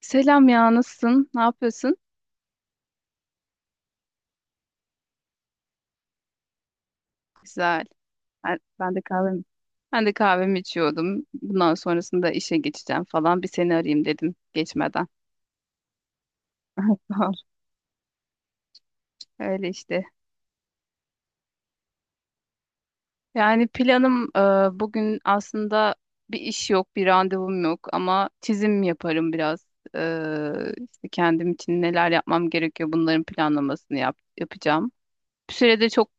Selam ya, nasılsın? Ne yapıyorsun? Güzel. Ben de kahvemi, ben de kahvemi içiyordum. Bundan sonrasında işe geçeceğim falan. Bir seni arayayım dedim geçmeden. Tamam. Öyle işte. Yani planım bugün aslında bir iş yok, bir randevum yok ama çizim yaparım biraz. E, işte kendim için neler yapmam gerekiyor bunların planlamasını yapacağım. Bir süredir çok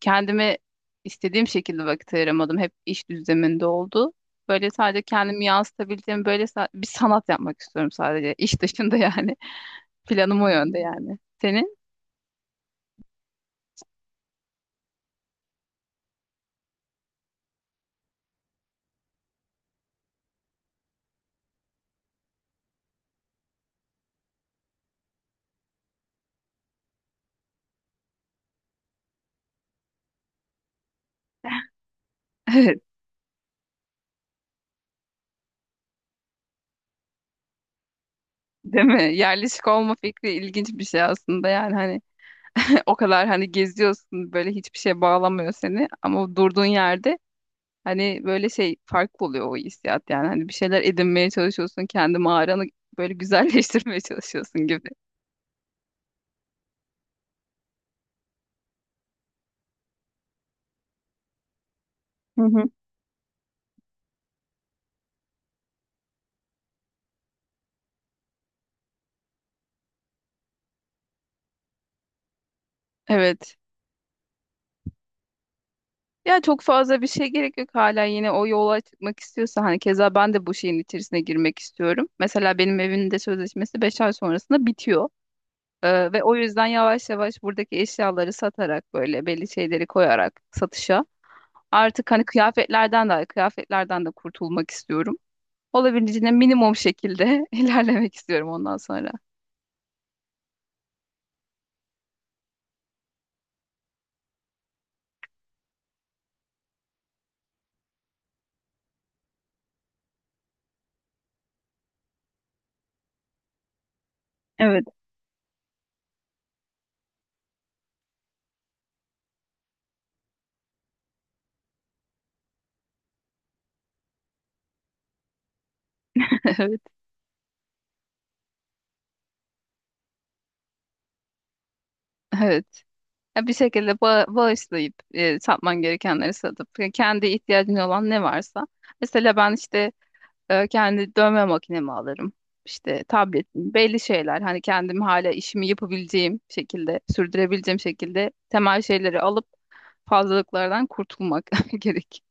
kendime istediğim şekilde vakit ayıramadım. Hep iş düzleminde oldu. Böyle sadece kendimi yansıtabildiğim böyle bir sanat yapmak istiyorum sadece. İş dışında yani. Planım o yönde yani. Senin? Değil mi? Yerleşik olma fikri ilginç bir şey aslında yani hani o kadar hani geziyorsun böyle hiçbir şeye bağlamıyor seni ama o durduğun yerde hani böyle şey farklı oluyor o hissiyat yani hani bir şeyler edinmeye çalışıyorsun kendi mağaranı böyle güzelleştirmeye çalışıyorsun gibi. Hı hı. Evet. Ya çok fazla bir şey gerek yok hala yine o yola çıkmak istiyorsa hani keza ben de bu şeyin içerisine girmek istiyorum. Mesela benim evin de sözleşmesi 5 ay sonrasında bitiyor. Ve o yüzden yavaş yavaş buradaki eşyaları satarak böyle belli şeyleri koyarak satışa artık hani kıyafetlerden de kurtulmak istiyorum. Olabildiğince minimum şekilde ilerlemek istiyorum ondan sonra. Evet. Evet, evet. Ya bir şekilde bağışlayıp satman gerekenleri satıp kendi ihtiyacın olan ne varsa. Mesela ben işte kendi dövme makinemi alırım. İşte tabletim, belli şeyler hani kendim hala işimi yapabileceğim şekilde, sürdürebileceğim şekilde temel şeyleri alıp fazlalıklardan kurtulmak gerek.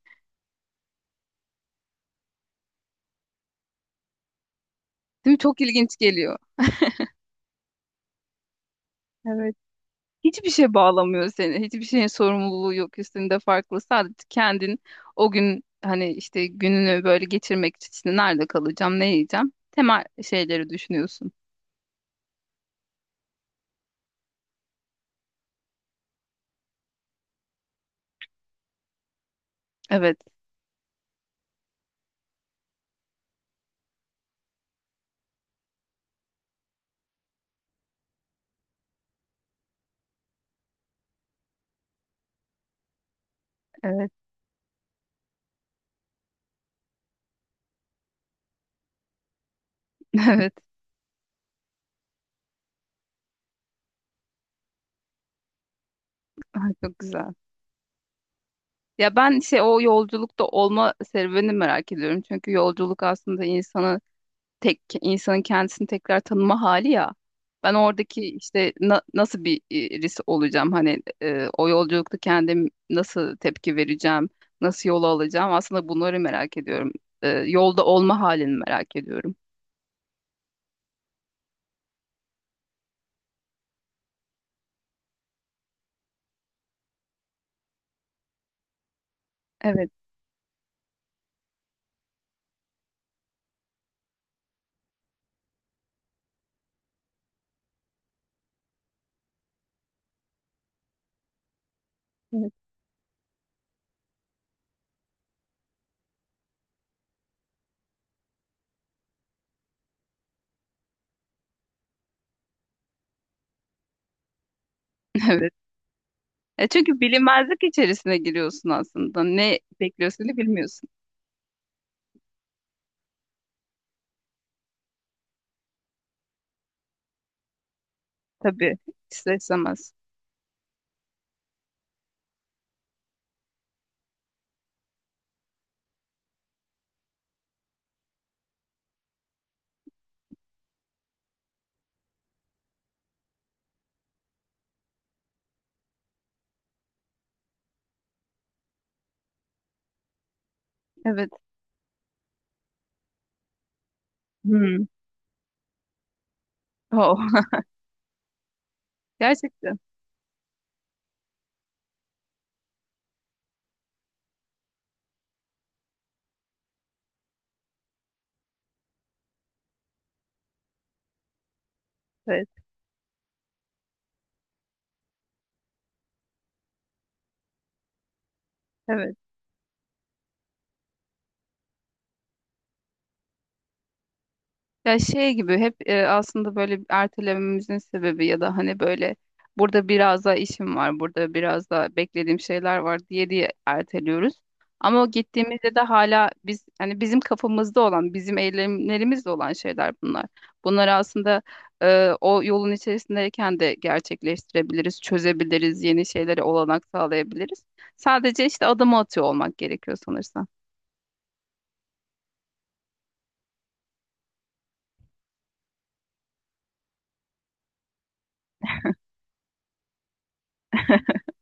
Değil mi? Çok ilginç geliyor. Evet. Hiçbir şey bağlamıyor seni. Hiçbir şeyin sorumluluğu yok üstünde farklı. Sadece kendin o gün hani işte gününü böyle geçirmek için işte nerede kalacağım, ne yiyeceğim? Temel şeyleri düşünüyorsun. Evet, evet, evet. Ay, çok güzel. Ya ben şey o yolculukta olma serüvenini merak ediyorum. Çünkü yolculuk aslında insanı tek insanın kendisini tekrar tanıma hali ya. Ben oradaki işte nasıl bir olacağım hani o yolculukta kendim nasıl tepki vereceğim, nasıl yol alacağım aslında bunları merak ediyorum. Yolda olma halini merak ediyorum. Evet. Evet. Evet. E çünkü bilinmezlik içerisine giriyorsun aslında. Ne bekliyorsun da bilmiyorsun. Tabii. İster istemez. Evet. Hmm. Oh. Gerçekten. Evet. Evet. Ya şey gibi hep aslında böyle ertelememizin sebebi ya da hani böyle burada biraz daha işim var, burada biraz daha beklediğim şeyler var diye diye erteliyoruz. Ama o gittiğimizde de hala biz hani bizim kafamızda olan, bizim eylemlerimizde olan şeyler bunlar. Bunları aslında o yolun içerisindeyken de gerçekleştirebiliriz, çözebiliriz, yeni şeylere olanak sağlayabiliriz. Sadece işte adımı atıyor olmak gerekiyor sanırsam.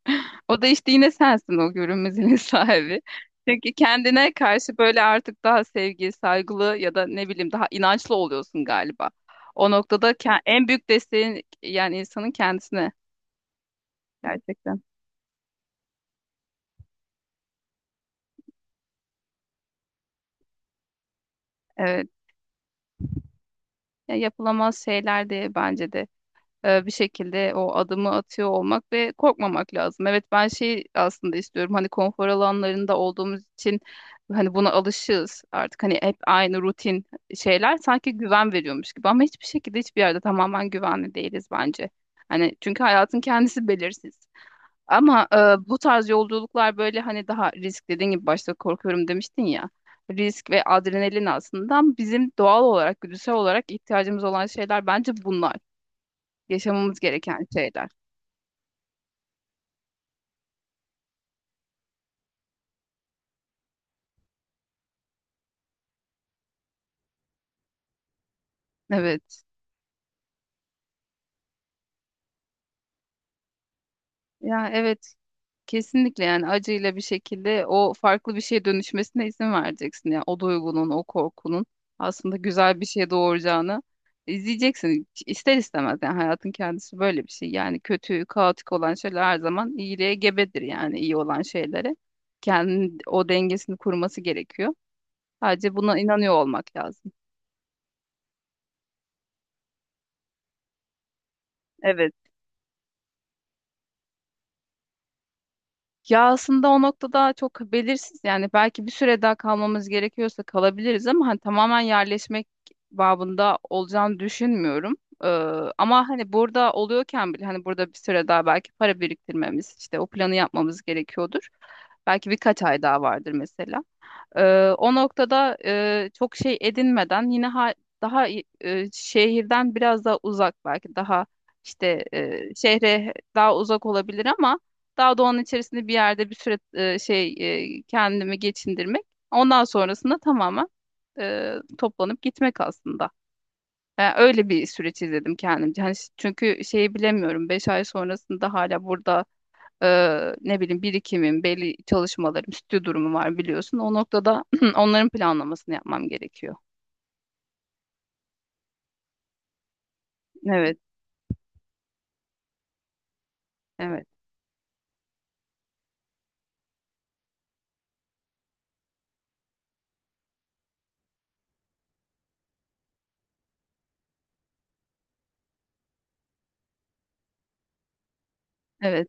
O da işte yine sensin o görünmezliğin sahibi. Çünkü kendine karşı böyle artık daha sevgi, saygılı ya da ne bileyim daha inançlı oluyorsun galiba. O noktada en büyük desteğin yani insanın kendisine gerçekten. Evet. Ya yapılamaz şeyler diye bence de bir şekilde o adımı atıyor olmak ve korkmamak lazım. Evet ben şey aslında istiyorum hani konfor alanlarında olduğumuz için hani buna alışığız artık hani hep aynı rutin şeyler sanki güven veriyormuş gibi ama hiçbir şekilde hiçbir yerde tamamen güvenli değiliz bence. Hani çünkü hayatın kendisi belirsiz. Ama bu tarz yolculuklar böyle hani daha risk dediğin gibi başta korkuyorum demiştin ya. Risk ve adrenalin aslında bizim doğal olarak, güdüsel olarak ihtiyacımız olan şeyler bence bunlar yaşamamız gereken şeyler. Evet. Ya evet. Kesinlikle yani acıyla bir şekilde o farklı bir şeye dönüşmesine izin vereceksin. Yani o duygunun, o korkunun aslında güzel bir şeye doğuracağını izleyeceksin. İster istemez yani hayatın kendisi böyle bir şey. Yani kötü, kaotik olan şeyler her zaman iyiliğe gebedir yani iyi olan şeylere. Kendi o dengesini kurması gerekiyor. Sadece buna inanıyor olmak lazım. Evet. Ya aslında o noktada çok belirsiz yani belki bir süre daha kalmamız gerekiyorsa kalabiliriz ama hani tamamen yerleşmek babında olacağını düşünmüyorum. Ee, Ama hani burada oluyorken bile hani burada bir süre daha belki para biriktirmemiz işte o planı yapmamız gerekiyordur. Belki birkaç ay daha vardır mesela. O noktada çok şey edinmeden yine daha şehirden biraz daha uzak belki daha işte şehre daha uzak olabilir ama daha doğanın içerisinde bir yerde bir süre kendimi geçindirmek. Ondan sonrasında tamamen toplanıp gitmek aslında. Yani öyle bir süreç izledim kendimce. Hani çünkü şeyi bilemiyorum 5 ay sonrasında hala burada ne bileyim birikimim, belli çalışmalarım, stüdyo durumu var biliyorsun. O noktada onların planlamasını yapmam gerekiyor. Evet, evet, evet.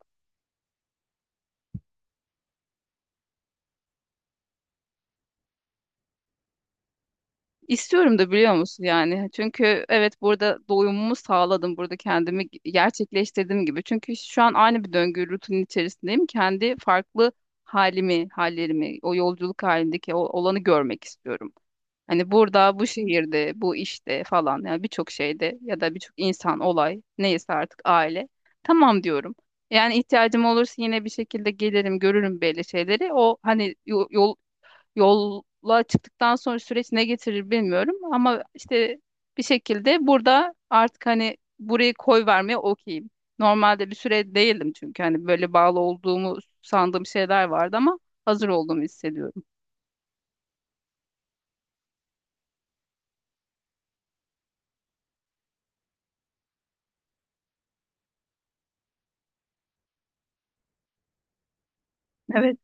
İstiyorum da biliyor musun yani. Çünkü evet burada doyumumu sağladım. Burada kendimi gerçekleştirdiğim gibi. Çünkü şu an aynı bir döngü rutinin içerisindeyim. Kendi farklı halimi, hallerimi, o yolculuk halindeki o olanı görmek istiyorum. Hani burada, bu şehirde, bu işte falan yani birçok şeyde ya da birçok insan, olay neyse artık aile. Tamam diyorum. Yani ihtiyacım olursa yine bir şekilde gelirim, görürüm belli şeyleri. O hani yol, yola çıktıktan sonra süreç ne getirir bilmiyorum ama işte bir şekilde burada artık hani burayı koy vermeye okeyim. Normalde bir süre değildim çünkü hani böyle bağlı olduğumu sandığım şeyler vardı ama hazır olduğumu hissediyorum. Evet.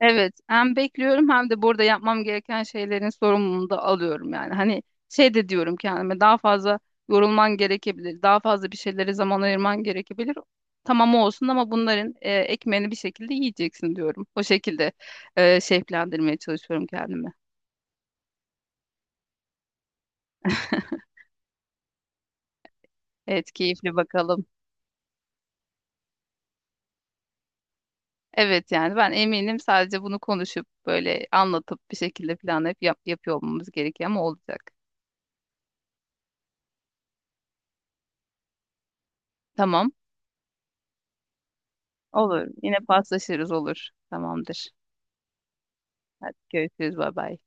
Evet, hem bekliyorum hem de burada yapmam gereken şeylerin sorumluluğunu da alıyorum yani. Hani şey de diyorum kendime daha fazla yorulman gerekebilir, daha fazla bir şeylere zaman ayırman gerekebilir. Tamam olsun ama bunların ekmeğini bir şekilde yiyeceksin diyorum. O şekilde şevklendirmeye çalışıyorum kendimi. Evet, keyifli bakalım. Evet yani ben eminim sadece bunu konuşup böyle anlatıp bir şekilde planlayıp yapıyor olmamız gerekiyor ama olacak. Tamam, olur. Yine paslaşırız olur. Tamamdır. Hadi görüşürüz. Bay bay.